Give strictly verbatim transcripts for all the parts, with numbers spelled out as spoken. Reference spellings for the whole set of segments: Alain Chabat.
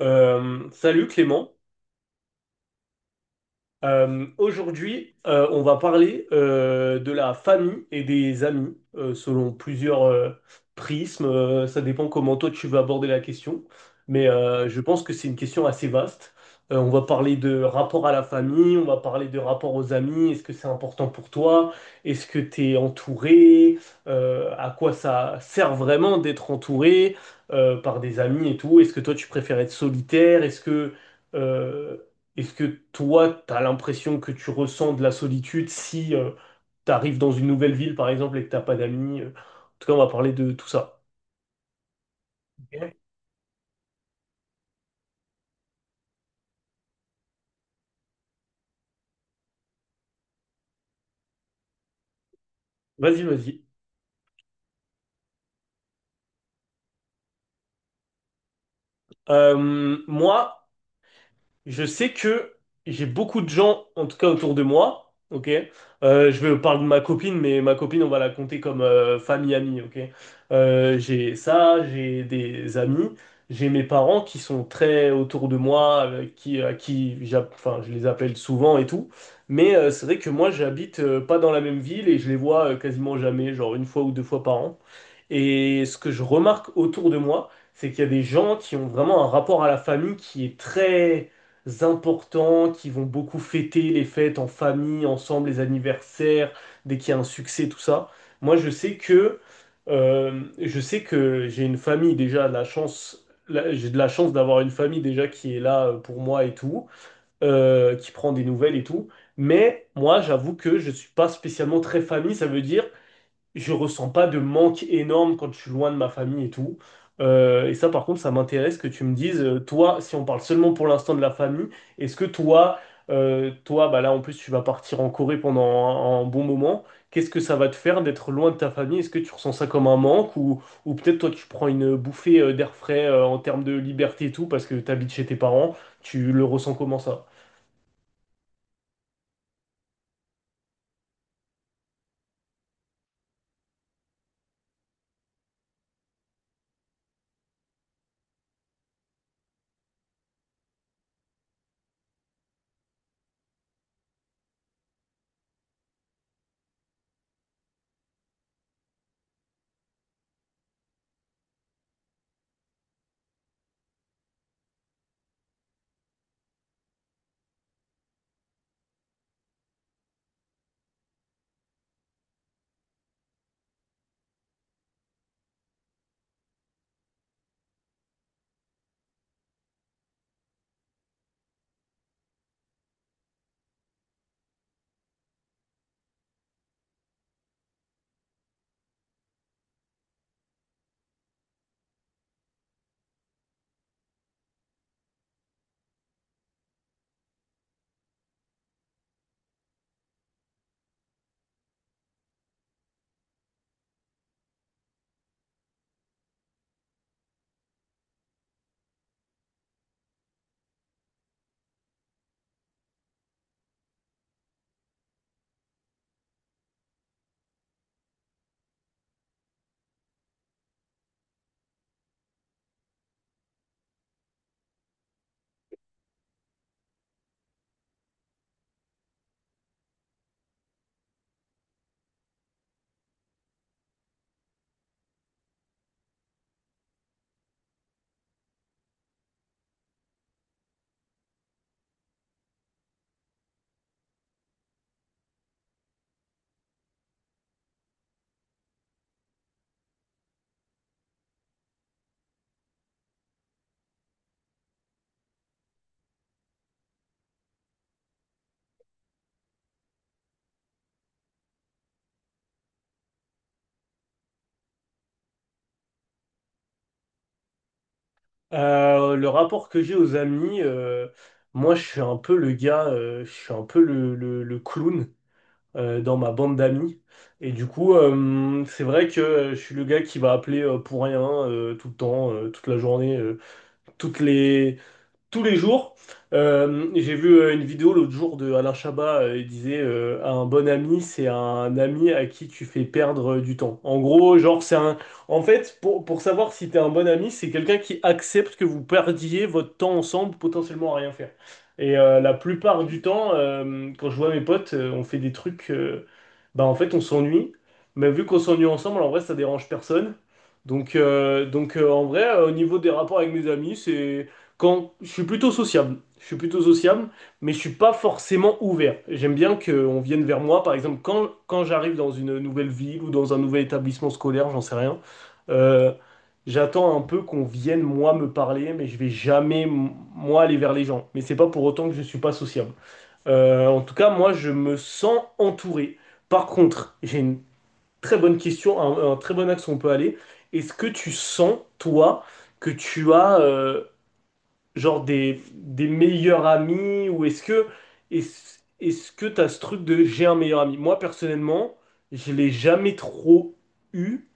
Euh, salut Clément, euh, aujourd'hui, euh, on va parler euh, de la famille et des amis euh, selon plusieurs euh, prismes. Euh, ça dépend comment toi tu veux aborder la question, mais euh, je pense que c'est une question assez vaste. Euh, on va parler de rapport à la famille, on va parler de rapport aux amis. Est-ce que c'est important pour toi? Est-ce que tu es entouré? Euh, à quoi ça sert vraiment d'être entouré euh, par des amis et tout? Est-ce que toi tu préfères être solitaire? Est-ce que euh, est-ce que toi, t'as l'impression que tu ressens de la solitude si euh, t'arrives dans une nouvelle ville, par exemple, et que t'as pas d'amis? euh. En tout cas, on va parler de tout ça. Ok. Vas-y, vas-y. Euh, moi, Je sais que j'ai beaucoup de gens, en tout cas autour de moi, ok? Euh, je vais parler de ma copine, mais ma copine, on va la compter comme euh, famille, amie, ok? Euh, j'ai ça, j'ai des amis, j'ai mes parents qui sont très autour de moi, avec qui, à qui j'a- enfin, je les appelle souvent et tout. Mais euh, c'est vrai que moi, j'habite euh, pas dans la même ville et je les vois euh, quasiment jamais, genre une fois ou deux fois par an. Et ce que je remarque autour de moi, c'est qu'il y a des gens qui ont vraiment un rapport à la famille qui est très importants qui vont beaucoup fêter les fêtes en famille, ensemble, les anniversaires, dès qu'il y a un succès, tout ça. Moi, je sais que euh, je sais que j'ai une famille déjà de la chance. la- J'ai de la chance d'avoir une famille déjà qui est là euh, pour moi et tout, euh, qui prend des nouvelles et tout. Mais moi, j'avoue que je suis pas spécialement très famille. Ça veut dire je ressens pas de manque énorme quand je suis loin de ma famille et tout. Euh, et ça, par contre, ça m'intéresse que tu me dises, euh, toi, si on parle seulement pour l'instant de la famille, est-ce que toi, euh, toi, bah là, en plus, tu vas partir en Corée pendant un, un bon moment. Qu'est-ce que ça va te faire d'être loin de ta famille? Est-ce que tu ressens ça comme un manque ou, ou peut-être toi, tu prends une bouffée euh, d'air frais euh, en termes de liberté et tout parce que tu habites chez tes parents, tu le ressens comment ça? Euh, le rapport que j'ai aux amis, euh, moi je suis un peu le gars, euh, je suis un peu le, le- le clown euh, dans ma bande d'amis. Et du coup, euh, c'est vrai que euh, je suis le gars qui va appeler euh, pour rien euh, tout le temps, euh, toute la journée, euh, toutes les, tous les jours. Euh, j'ai vu euh, une vidéo l'autre jour de Alain Chabat, euh, il disait euh, un bon ami, c'est un ami à qui tu fais perdre euh, du temps. En gros, genre c'est un en fait pour, pour savoir si t'es un bon ami, c'est quelqu'un qui accepte que vous perdiez votre temps ensemble potentiellement à rien faire. Et euh, la plupart du temps, euh, quand je vois mes potes, euh, on fait des trucs euh, bah en fait on s'ennuie, mais vu qu'on s'ennuie ensemble, en vrai ça dérange personne. Donc euh, donc euh, en vrai euh, au niveau des rapports avec mes amis, c'est quand je suis plutôt sociable, je suis plutôt sociable, mais je suis pas forcément ouvert. J'aime bien qu'on vienne vers moi, par exemple, quand, quand j'arrive dans une nouvelle ville ou dans un nouvel établissement scolaire, j'en sais rien. euh, J'attends un peu qu'on vienne moi me parler, mais je vais jamais m- moi aller vers les gens. Mais c'est pas pour autant que je suis pas sociable. Euh, en tout cas, moi, je me sens entouré. Par contre, j'ai une très bonne question, un, un très bon axe où on peut aller. Est-ce que tu sens, toi, que tu as euh, genre des, des meilleurs amis ou est-ce que est-ce est-ce que t'as ce truc de j'ai un meilleur ami? Moi personnellement, je l'ai jamais trop eu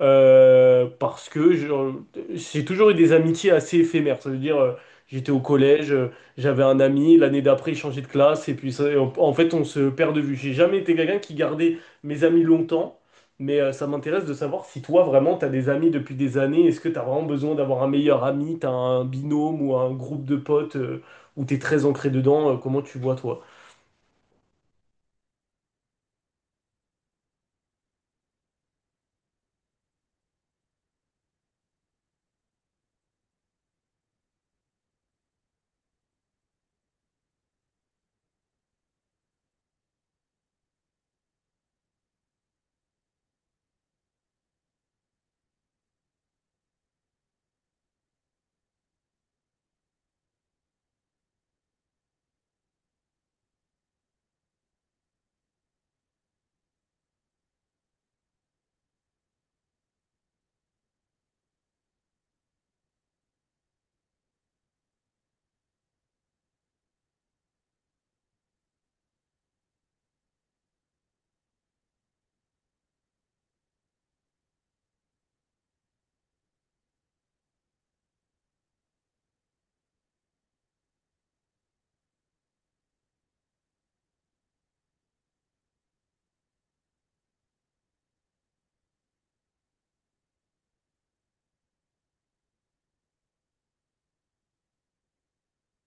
euh, parce que je- j'ai toujours eu des amitiés assez éphémères. Ça veut dire, euh, j'étais au collège, euh, j'avais un ami, l'année d'après, il changeait de classe, et puis ça- en, en fait, on se perd de vue. J'ai jamais été quelqu'un qui gardait mes amis longtemps, mais euh, ça m'intéresse de savoir si toi, vraiment, t'as des amis depuis des années. Est-ce que t'as vraiment besoin d'avoir un meilleur ami, t'as un binôme ou un groupe de potes euh, où t'es très ancré dedans? Euh, comment tu vois, toi?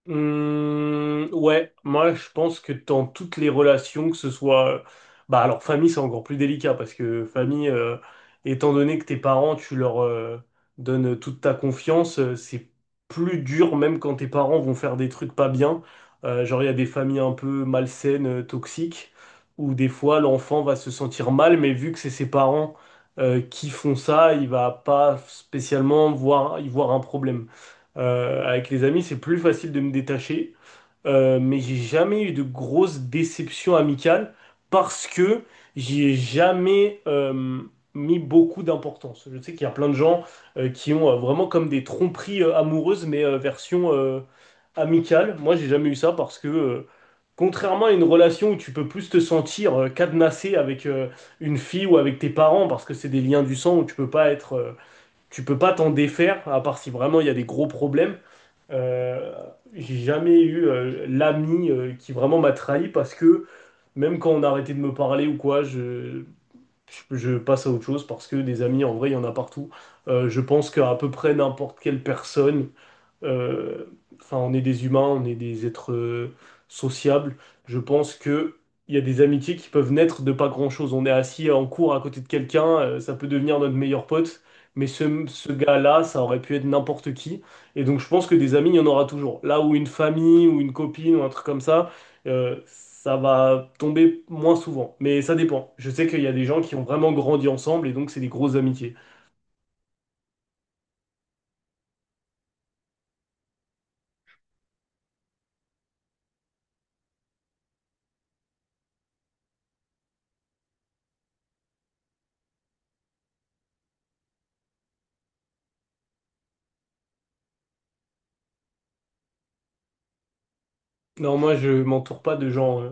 Hum, ouais, moi je pense que dans toutes les relations, que ce soit... Bah alors famille c'est encore plus délicat parce que famille, euh, étant donné que tes parents, tu leur euh, donnes toute ta confiance, euh, c'est plus dur même quand tes parents vont faire des trucs pas bien. Euh, genre il y a des familles un peu malsaines, euh, toxiques, où des fois l'enfant va se sentir mal, mais vu que c'est ses parents euh, qui font ça, il va pas spécialement voir, y voir un problème. Euh, avec les amis, c'est plus facile de me détacher. Euh, mais j'ai jamais eu de grosses déceptions amicales parce que j'y ai jamais euh, mis beaucoup d'importance. Je sais qu'il y a plein de gens euh, qui ont euh, vraiment comme des tromperies euh, amoureuses, mais euh, version euh, amicale. Moi, j'ai jamais eu ça parce que euh, contrairement à une relation où tu peux plus te sentir euh, cadenassé avec euh, une fille ou avec tes parents parce que c'est des liens du sang où tu peux pas être, euh, tu peux pas t'en défaire à part si vraiment il y a des gros problèmes. Euh, j'ai jamais eu euh, l'ami euh, qui vraiment m'a trahi parce que même quand on a arrêté de me parler ou quoi, je, je, je passe à autre chose parce que des amis, en vrai, il y en a partout. Euh, je pense qu'à peu près n'importe quelle personne euh, enfin, on est des humains, on est des êtres euh, sociables. Je pense que il y a des amitiés qui peuvent naître de pas grand-chose. On est assis en cours à côté de quelqu'un, euh, ça peut devenir notre meilleur pote, mais ce, ce gars-là, ça aurait pu être n'importe qui. Et donc, je pense que des amis, il y en aura toujours. Là où une famille ou une copine ou un truc comme ça, euh, ça va tomber moins souvent. Mais ça dépend. Je sais qu'il y a des gens qui ont vraiment grandi ensemble et donc c'est des grosses amitiés. Non, moi, je m'entoure pas de gens. euh,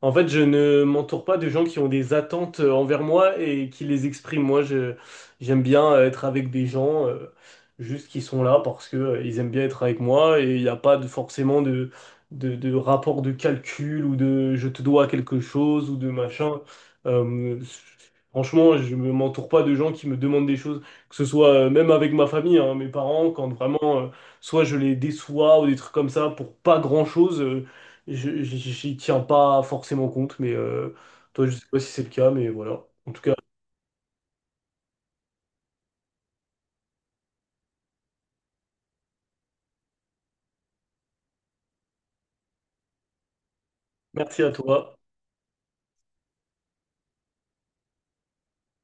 En fait, je ne m'entoure pas de gens qui ont des attentes euh, envers moi et qui les expriment. Moi, je, j'aime bien euh, être avec des gens euh, juste qui sont là parce que euh, ils aiment bien être avec moi et il n'y a pas de, forcément de, de, de rapport de calcul ou de je te dois quelque chose ou de machin. Euh, Franchement, je ne m'entoure pas de gens qui me demandent des choses, que ce soit euh, même avec ma famille, hein, mes parents, quand vraiment, euh, soit je les déçois ou des trucs comme ça pour pas grand-chose. euh, je- je- J'y tiens pas forcément compte, mais euh, toi, je sais pas si c'est le cas, mais voilà. En tout cas, merci à toi.